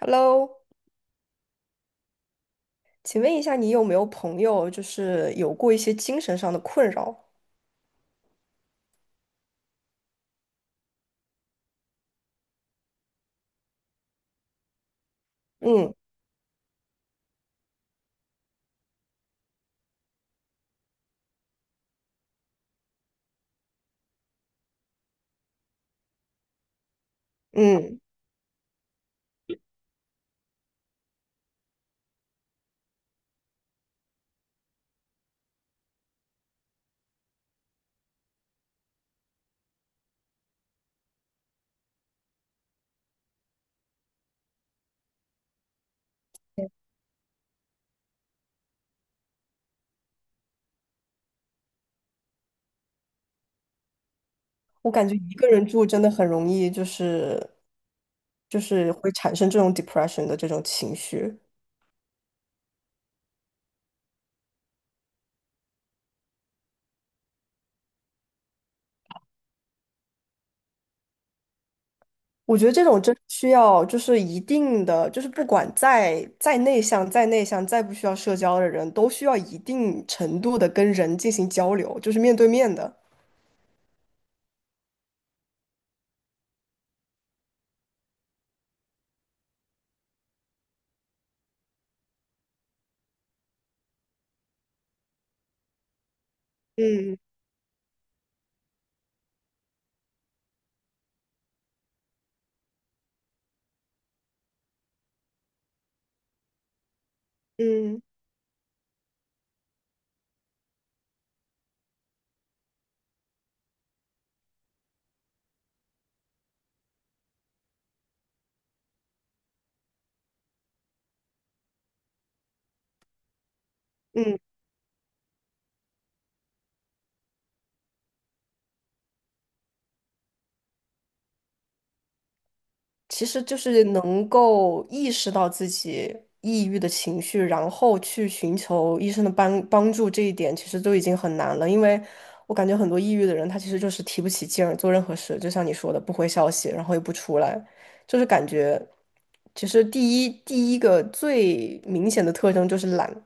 Hello，请问一下，你有没有朋友就是有过一些精神上的困扰？嗯嗯，我感觉一个人住真的很容易，就是会产生这种 depression 的这种情绪。我觉得这种真需要就是一定的，就是不管再内向、再内向、再不需要社交的人，都需要一定程度的跟人进行交流，就是面对面的。嗯嗯嗯。其实就是能够意识到自己抑郁的情绪，然后去寻求医生的帮助，这一点其实都已经很难了。因为我感觉很多抑郁的人，他其实就是提不起劲儿做任何事，就像你说的，不回消息，然后也不出来，就是感觉，其实第一个最明显的特征就是懒，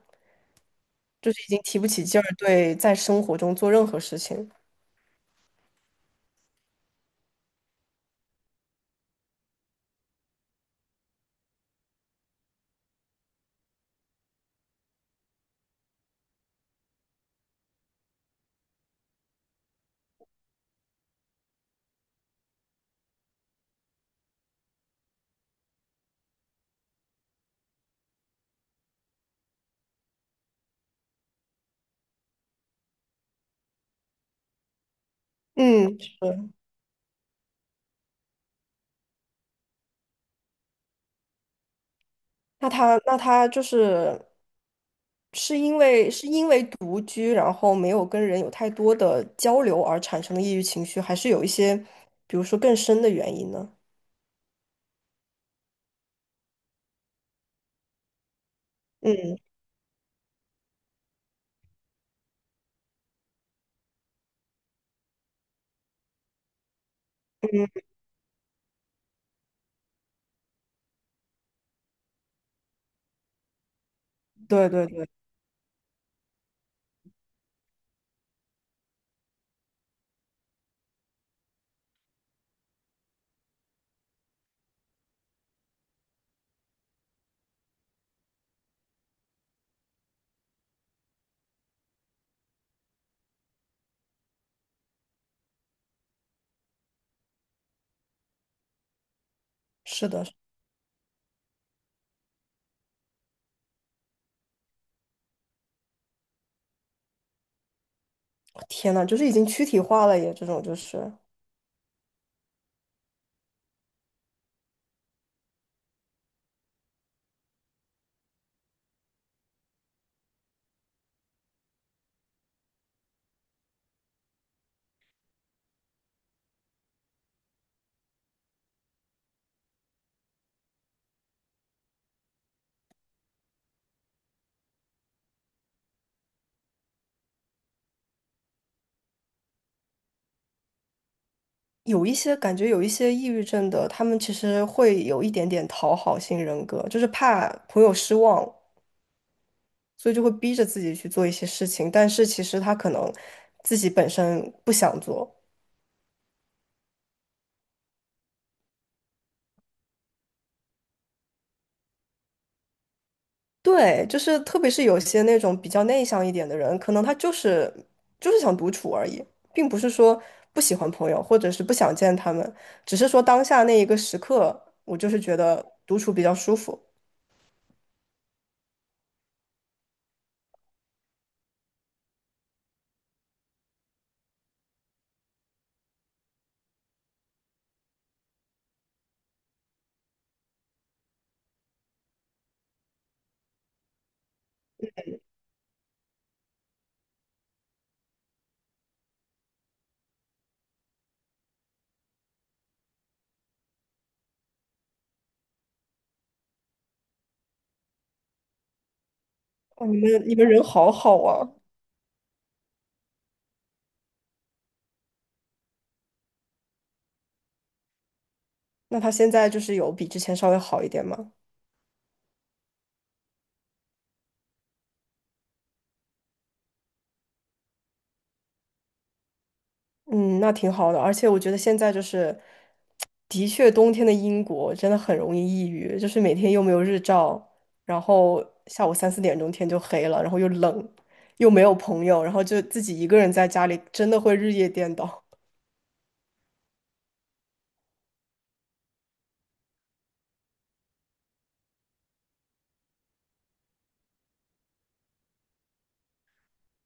就是已经提不起劲儿，对在生活中做任何事情。嗯，是。那他就是是因为独居，然后没有跟人有太多的交流而产生的抑郁情绪，还是有一些，比如说更深的原因呢？嗯嗯，对对对，是的。哦天呐，就是已经躯体化了耶，这种就是有一些感觉，有一些抑郁症的，他们其实会有一点点讨好型人格，就是怕朋友失望，所以就会逼着自己去做一些事情，但是其实他可能自己本身不想做。对，就是特别是有些那种比较内向一点的人，可能他就是就是想独处而已，并不是说不喜欢朋友，或者是不想见他们，只是说当下那一个时刻，我就是觉得独处比较舒服。哦，你们人好好啊！那他现在就是有比之前稍微好一点吗？嗯，那挺好的，而且我觉得现在就是，的确冬天的英国真的很容易抑郁，就是每天又没有日照，然后下午三四点钟天就黑了，然后又冷，又没有朋友，然后就自己一个人在家里，真的会日夜颠倒。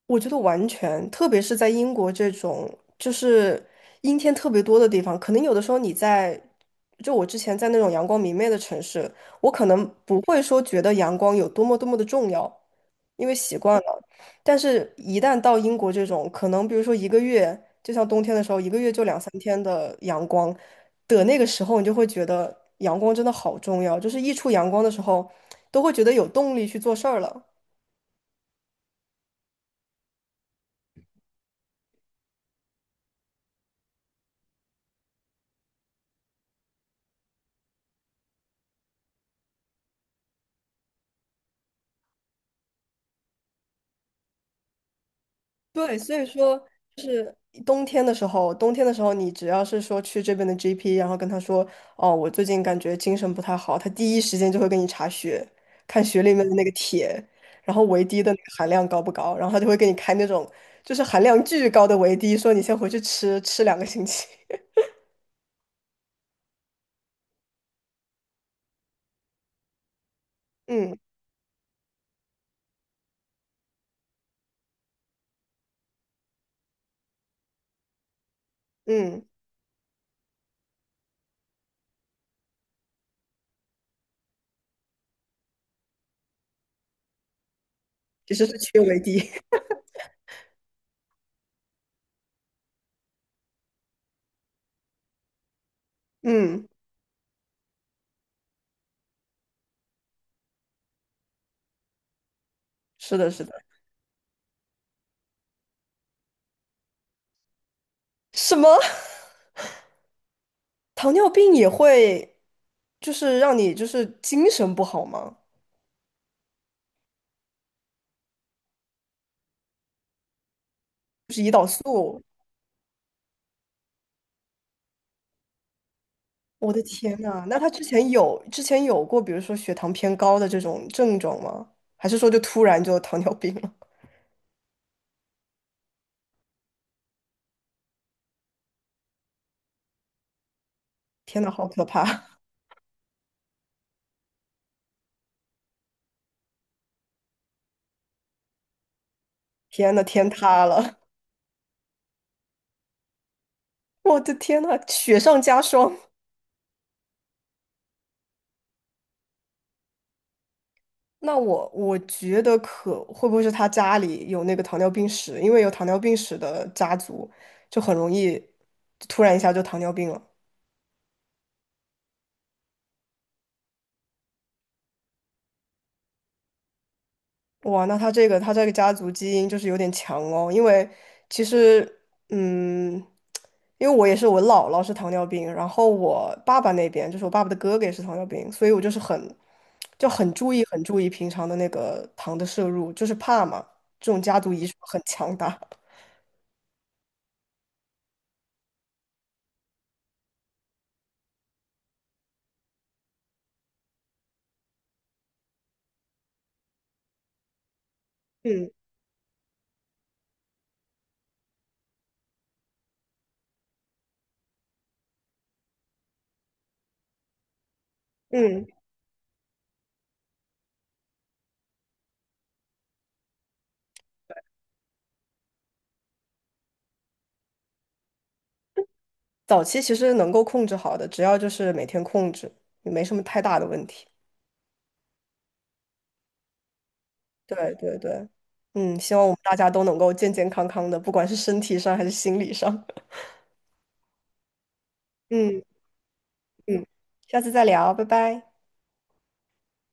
我觉得完全，特别是在英国这种就是阴天特别多的地方，可能有的时候你在，就我之前在那种阳光明媚的城市，我可能不会说觉得阳光有多么多么的重要，因为习惯了。但是，一旦到英国这种，可能比如说一个月，就像冬天的时候，一个月就两三天的阳光的那个时候，你就会觉得阳光真的好重要，就是一出阳光的时候，都会觉得有动力去做事儿了。对，所以说。冬天的时候，冬天的时候，你只要是说去这边的 GP，然后跟他说，哦，我最近感觉精神不太好，他第一时间就会给你查血，看血里面的那个铁，然后维 D 的那个含量高不高，然后他就会给你开那种就是含量巨高的维 D，说你先回去吃吃2个星期。嗯嗯，其实是缺维 D。嗯，是的，是的。什么？糖尿病也会就是让你就是精神不好吗？我的天呐，那他之前有过，比如说血糖偏高的这种症状吗？还是说就突然就糖尿病了？天呐，好可怕！天呐，天塌了！我的天呐，雪上加霜。那我觉得可会不会是他家里有那个糖尿病史？因为有糖尿病史的家族，就很容易突然一下就糖尿病了。哇，那他这个家族基因就是有点强哦，因为其实，嗯，因为我也是我姥姥是糖尿病，然后我爸爸那边就是我爸爸的哥哥也是糖尿病，所以我就是很注意平常的那个糖的摄入，就是怕嘛，这种家族遗传很强大。嗯嗯，早期其实能够控制好的，只要就是每天控制，也没什么太大的问题。对对对，嗯，希望我们大家都能够健健康康的，不管是身体上还是心理上。嗯嗯，下次再聊，拜拜。